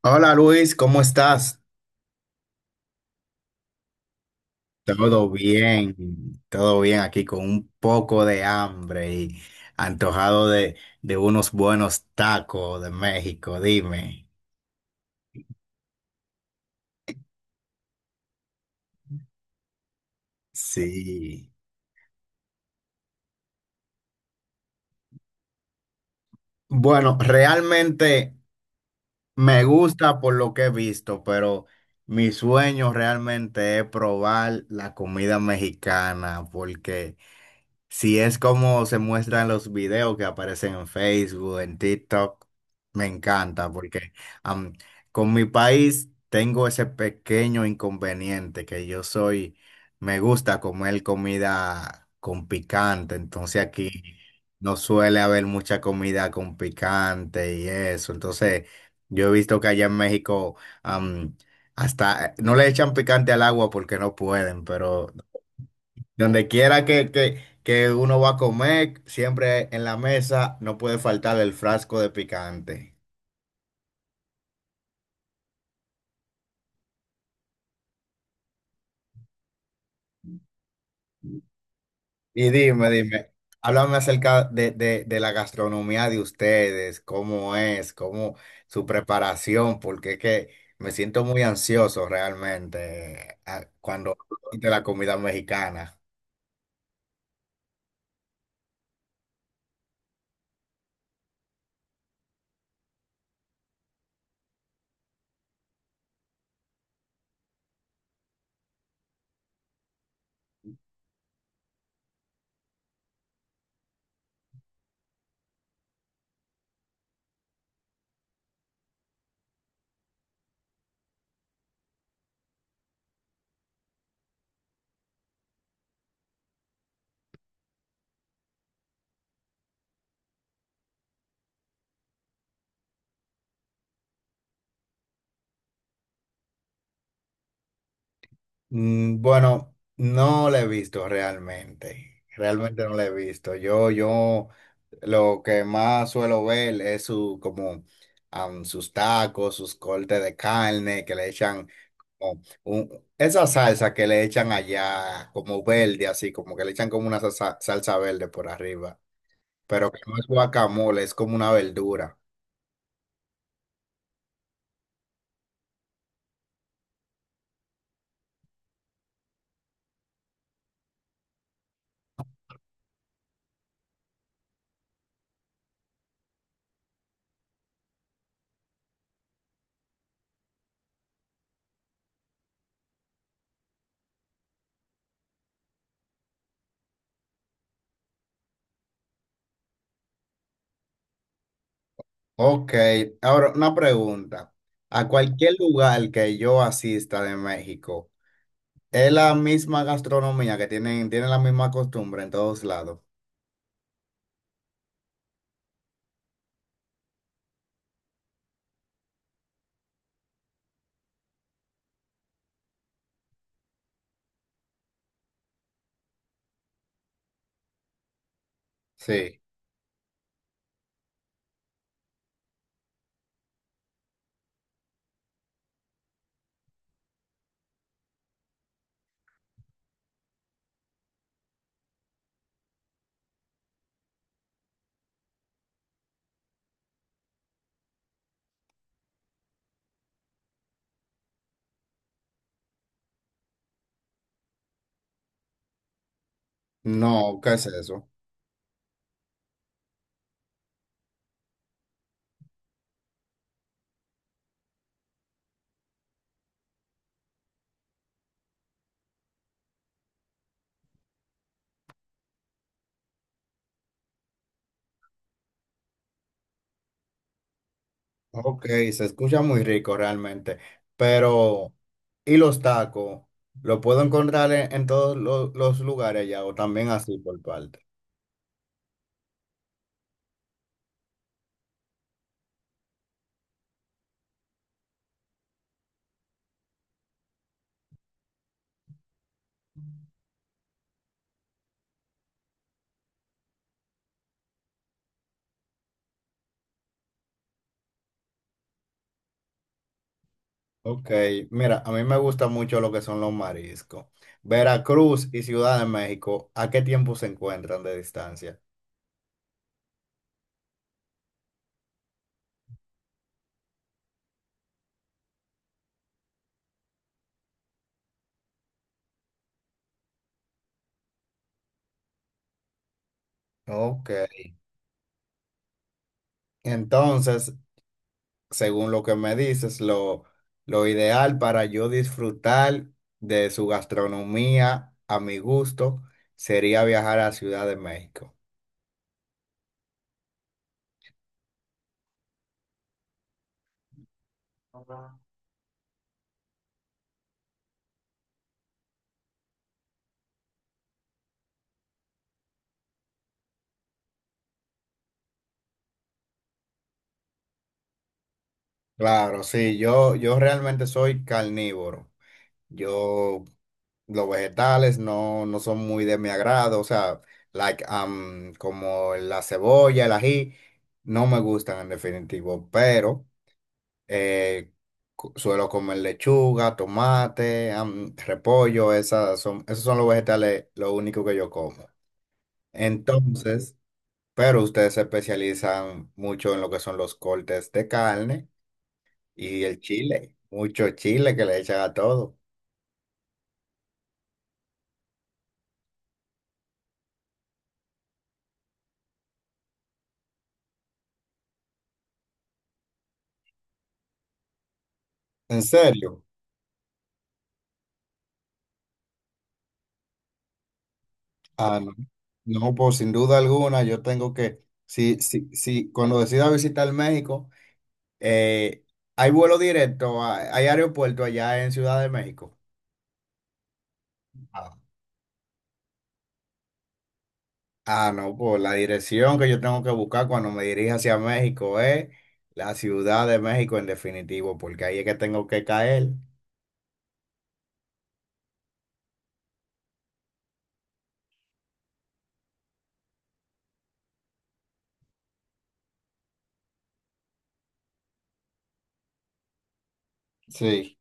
Hola Luis, ¿cómo estás? Todo bien, todo bien aquí con un poco de hambre y antojado de unos buenos tacos de México, dime. Sí. Bueno, realmente me gusta por lo que he visto, pero mi sueño realmente es probar la comida mexicana porque... Si es como se muestran los videos que aparecen en Facebook, en TikTok, me encanta porque am, con mi país tengo ese pequeño inconveniente que yo soy, me gusta comer comida con picante, entonces aquí no suele haber mucha comida con picante y eso, entonces yo he visto que allá en México am, hasta no le echan picante al agua porque no pueden, pero donde quiera que uno va a comer, siempre en la mesa no puede faltar el frasco de picante. Y dime, dime, háblame acerca de la gastronomía de ustedes, cómo es, cómo su preparación, porque es que me siento muy ansioso realmente cuando hablo de la comida mexicana. Mm, bueno, no la he visto realmente. Realmente no la he visto. Yo lo que más suelo ver es su como sus tacos, sus cortes de carne que le echan esa salsa que le echan allá como verde, así como que le echan como una salsa, salsa verde por arriba, pero que no es guacamole, es como una verdura. Ok, ahora una pregunta. A cualquier lugar que yo asista de México. Es la misma gastronomía que tienen, tienen la misma costumbre en todos lados. Sí. No, ¿qué es eso? Ok, se escucha muy rico realmente. Pero, ¿y los tacos? ¿Lo puedo encontrar en todos los lugares ya o también así por parte? Ok, mira, a mí me gusta mucho lo que son los mariscos. Veracruz y Ciudad de México, ¿a qué tiempo se encuentran de distancia? Ok. Entonces, según lo que me dices, lo ideal para yo disfrutar de su gastronomía a mi gusto sería viajar a Ciudad de México. Claro, sí, yo realmente soy carnívoro. Yo, los vegetales no, no son muy de mi agrado, o sea, como la cebolla, el ají, no me gustan en definitivo, pero... Eh, suelo comer lechuga, tomate, repollo, esos son los vegetales, lo único que yo como. Entonces, pero ustedes se especializan mucho en lo que son los cortes de carne y el chile, mucho chile que le echan a todo. ¿En serio? Ah, no, no, pues sin duda alguna, yo tengo que, si cuando decida visitar México, eh, hay vuelo directo, hay hay aeropuerto allá en Ciudad de México. Ah, Ah, no, pues la dirección que yo tengo que buscar cuando me dirija hacia México es la Ciudad de México en definitivo, porque ahí es que tengo que caer. Sí.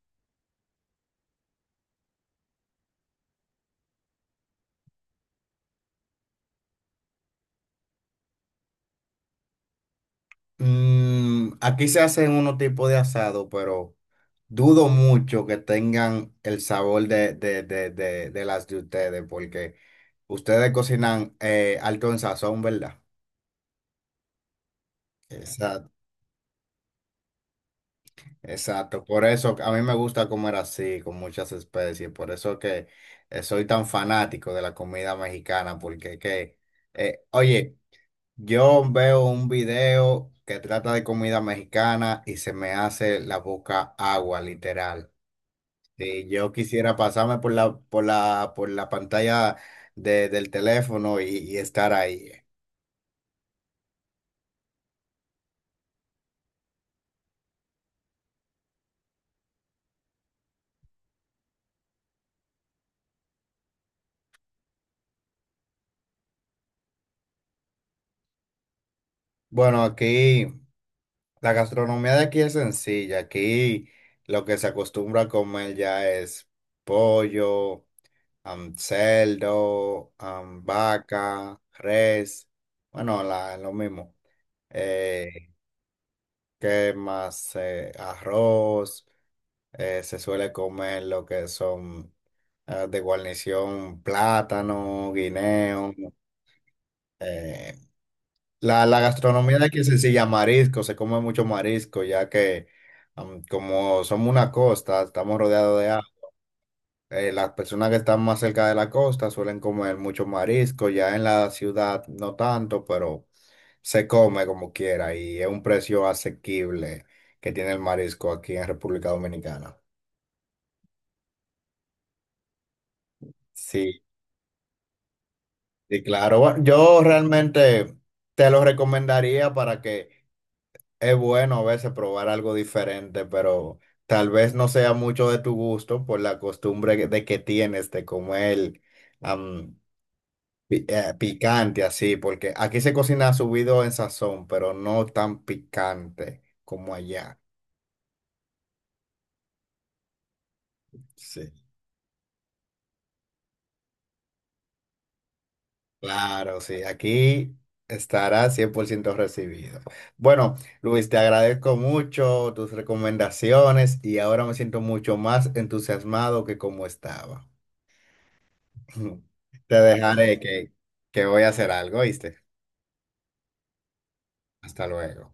Mm, aquí se hacen unos tipos de asado, pero dudo mucho que tengan el sabor de las de ustedes, porque ustedes cocinan alto en sazón, ¿verdad? Exacto. Exacto, por eso a mí me gusta comer así, con muchas especies, por eso que soy tan fanático de la comida mexicana, porque oye, yo veo un video que trata de comida mexicana y se me hace la boca agua, literal. Si yo quisiera pasarme por la pantalla del teléfono y estar ahí. Bueno, aquí. La gastronomía de aquí es sencilla. Aquí lo que se acostumbra a comer ya es pollo, cerdo, vaca, res. Bueno, lo mismo. Eh, ¿Qué más? Arroz. Eh, se suele comer lo que son de guarnición, plátano, guineo. Eh, la gastronomía de aquí es sencilla, marisco, se come mucho marisco, ya que como somos una costa, estamos rodeados de agua. Eh, las personas que están más cerca de la costa suelen comer mucho marisco, ya en la ciudad no tanto, pero se come como quiera y es un precio asequible que tiene el marisco aquí en República Dominicana. Sí, sí, claro. Bueno, yo realmente te lo recomendaría para que es bueno a veces probar algo diferente, pero tal vez no sea mucho de tu gusto por la costumbre de que tienes de comer am, picante así, porque aquí se cocina subido en sazón, pero no tan picante como allá. Sí. Claro, sí, aquí estará 100% recibido. Bueno, Luis, te agradezco mucho tus recomendaciones y ahora me siento mucho más entusiasmado que como estaba. Te dejaré que voy a hacer algo, ¿viste? Hasta luego.